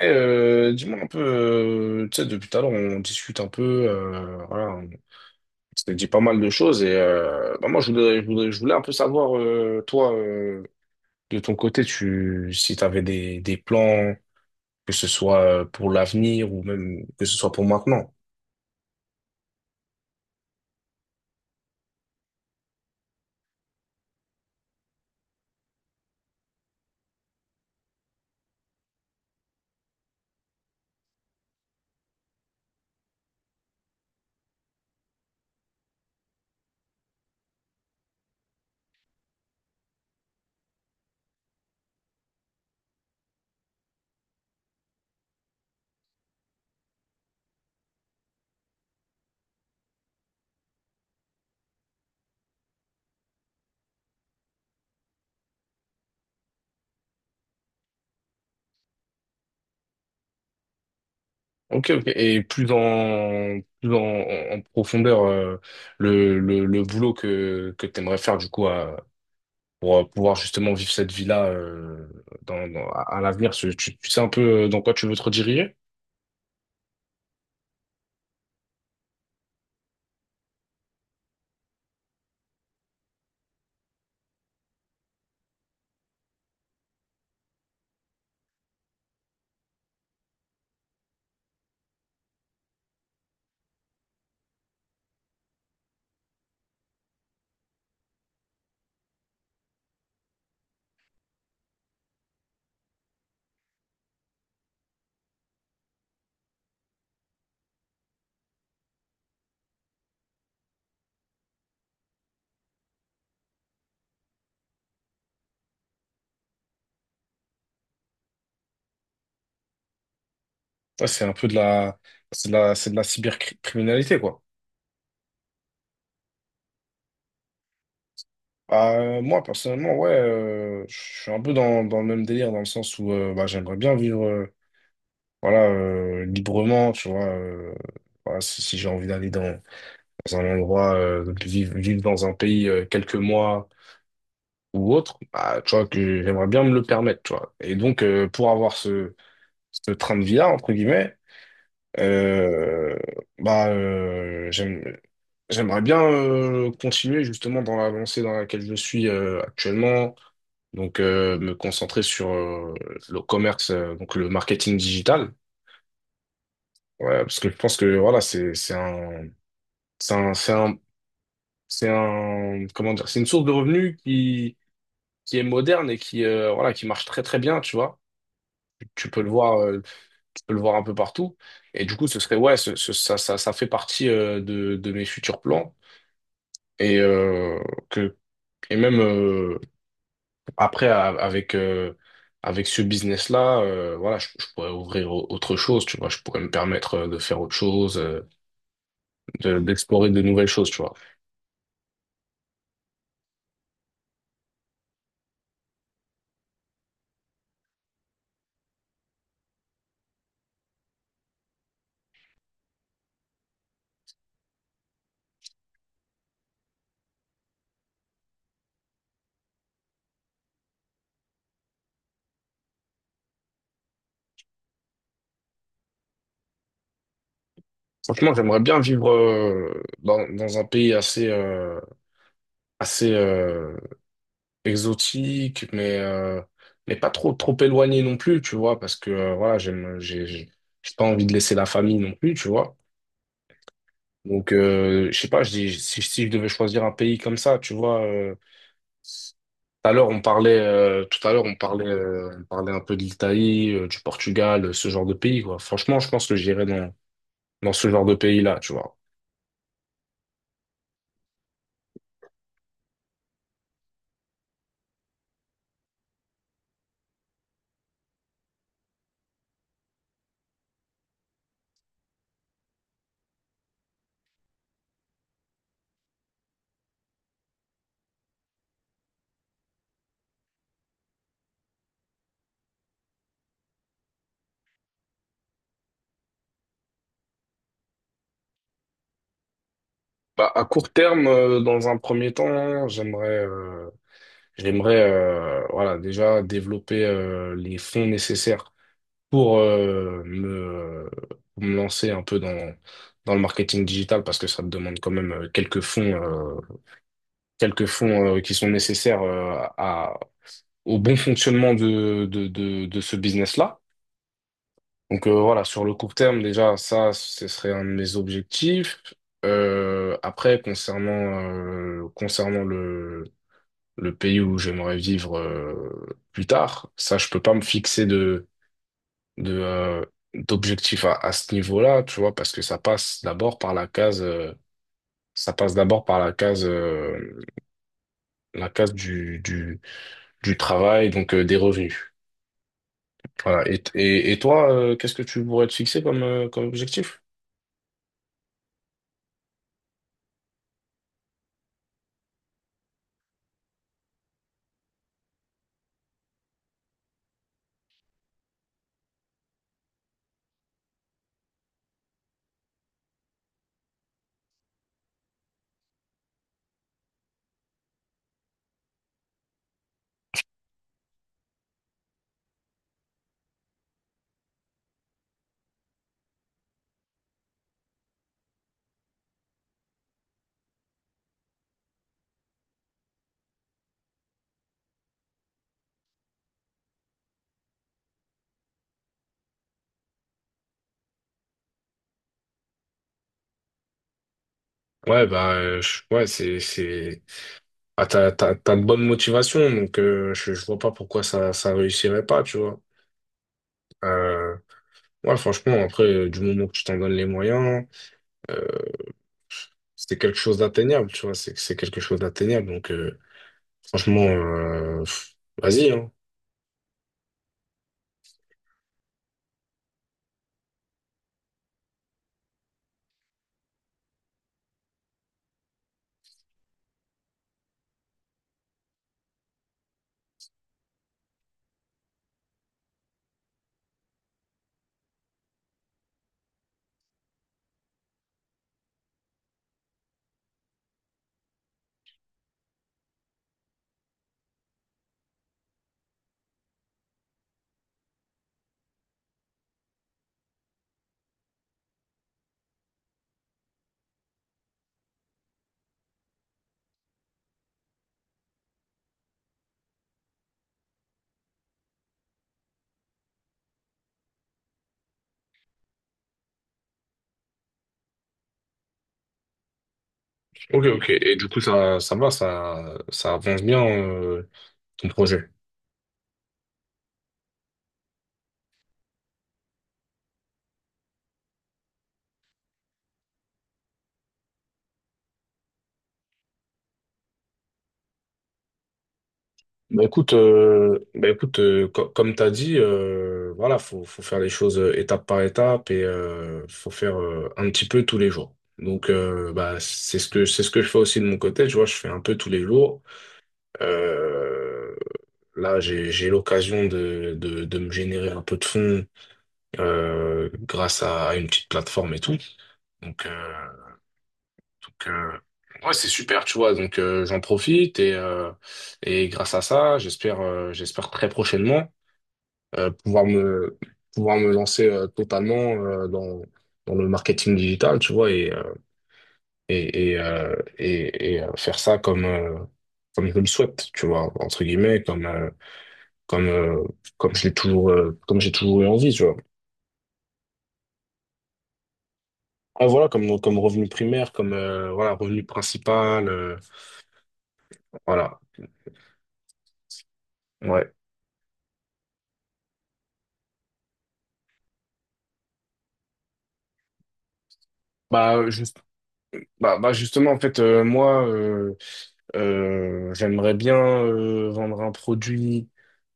Dis-moi un peu, tu sais, depuis tout à l'heure, on discute un peu, voilà, on s'est dit pas mal de choses et, moi, je voulais un peu savoir, toi, de ton côté, si tu avais des plans, que ce soit pour l'avenir ou même que ce soit pour maintenant. Ok, ok. Et plus dans, en profondeur, le boulot que tu aimerais faire, du coup, pour pouvoir justement vivre cette vie-là, à l'avenir. Tu sais un peu dans quoi tu veux te rediriger? Ouais, c'est un peu c'est de la cybercriminalité, quoi. Moi, personnellement, ouais, je suis un peu dans le même délire, dans le sens où j'aimerais bien vivre, voilà, librement, tu vois. Voilà, si j'ai envie d'aller dans un endroit, de vivre, vivre dans un pays quelques mois ou autre, bah, tu vois, que j'aimerais bien me le permettre, tu vois. Et donc, pour avoir ce train de vie-là, entre guillemets, euh, bah, euh, j'aime- j'aimerais bien continuer justement dans la lancée dans laquelle je suis, actuellement, donc me concentrer sur le commerce, donc le marketing digital. Ouais, parce que je pense que voilà, c'est comment dire, c'est une source de revenus qui est moderne et qui, voilà, qui marche très très bien, tu vois. Tu peux le voir, peut le voir un peu partout. Et du coup, ce serait, ouais, ça fait partie de mes futurs plans. Et, que, et même, après, avec ce business-là, voilà, je pourrais autre chose, tu vois. Je pourrais me permettre de faire autre chose, euh, d'explorer de nouvelles choses, tu vois. Franchement, j'aimerais bien vivre dans un pays assez, assez exotique, mais pas trop, trop éloigné non plus, tu vois, parce que voilà, j'aime, j'ai pas envie de laisser la famille non plus, tu vois. Donc, je sais pas, je dis, si je devais choisir un pays comme ça, tu vois, tout à l'heure, on parlait un peu de l'Italie, du Portugal, ce genre de pays, quoi. Franchement, je pense que j'irais dans ce genre de pays-là, tu vois. Bah, à court terme, dans un premier temps, j'aimerais, voilà, déjà développer les fonds nécessaires pour, pour me lancer un peu dans le marketing digital parce que ça me demande quand même quelques fonds, qui sont nécessaires au bon fonctionnement de ce business-là. Donc voilà, sur le court terme, déjà, ce serait un de mes objectifs. Après, concernant le pays où j'aimerais vivre, plus tard. Ça, je peux pas me fixer de d'objectif à ce niveau-là, tu vois, parce que ça passe d'abord par la case, ça passe d'abord par la case euh, la case du travail, donc des revenus. Voilà. Et toi, qu'est-ce que tu pourrais te fixer comme, comme objectif? Ouais, t'as de bonnes motivations, donc je vois pas pourquoi ça réussirait pas, tu vois. Euh, Ouais, franchement, après, du moment que tu t'en donnes les moyens, euh, c'est quelque chose d'atteignable, tu vois, c'est quelque chose d'atteignable. Donc, franchement, vas-y, hein. Ok, ok. Et du coup, ça avance bien, ton projet. Bah écoute, comme t'as dit, voilà, faut faire les choses étape par étape et faut faire un petit peu tous les jours. Donc, c'est ce que je fais aussi de mon côté. Tu vois, je fais un peu tous les jours. Euh, Là, j'ai l'occasion de me générer un peu de fonds, grâce à une petite plateforme et tout. Donc, euh, donc, ouais, c'est super, tu vois. Donc, j'en profite et et grâce à ça, j'espère, j'espère très prochainement euh, pouvoir me, pouvoir me lancer totalement, dans le marketing digital, tu vois, et faire ça comme, comme je le souhaite, tu vois, entre guillemets, comme, comme comme je l'ai toujours comme j'ai toujours eu envie, tu vois. Ah, voilà, comme revenu primaire, comme, voilà, revenu principal, voilà. Ouais. Bah juste bah justement en fait, moi, j'aimerais bien vendre un produit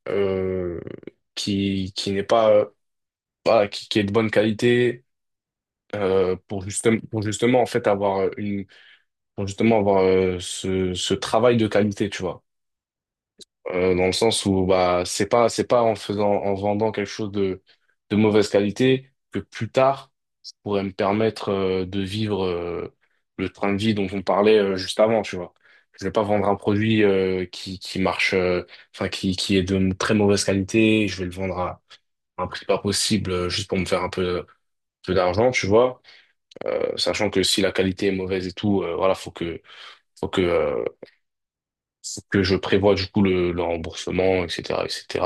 euh, qui n'est pas, voilà, qui est de bonne qualité. Pour justement en fait avoir une, pour justement avoir ce travail de qualité, tu vois, dans le sens où bah c'est pas en faisant, en vendant quelque chose de mauvaise qualité que plus tard ça pourrait me permettre de vivre le train de vie dont on parlait juste avant, tu vois. Je vais pas vendre un produit qui marche, enfin qui est de très mauvaise qualité, je vais le vendre à un prix pas possible, juste pour me faire un peu d'argent, tu vois. Sachant que si la qualité est mauvaise et tout, voilà, faut que euh, faut que je prévoie du coup le remboursement, etc, etc.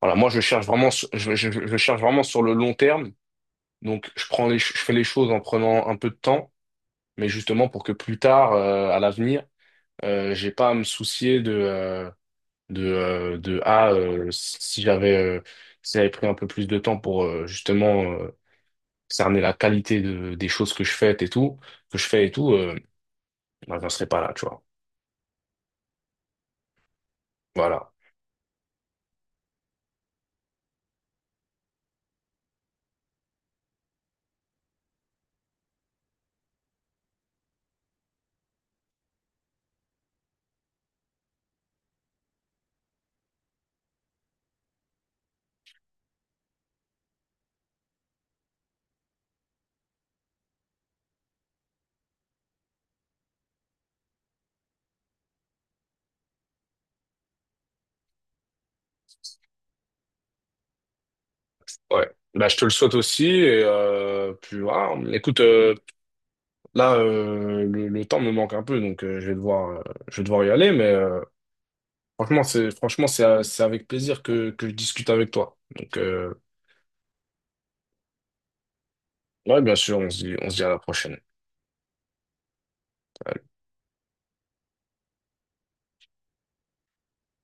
Voilà, moi je cherche vraiment, je cherche vraiment sur le long terme. Donc je prends je fais les choses en prenant un peu de temps, mais justement pour que plus tard, à l'avenir, j'ai pas à me soucier de ah si j'avais, si j'avais pris un peu plus de temps pour, justement cerner la qualité des choses que je fais et tout, que je fais et tout, euh, bah, j'en serais pas là, tu vois. Voilà. Ouais. Bah, je te le souhaite aussi et puis voilà. Écoute, là, le temps me manque un peu, donc je vais devoir y aller, mais franchement, c'est avec plaisir que je discute avec toi. Donc, ouais, bien sûr, on se dit à la prochaine.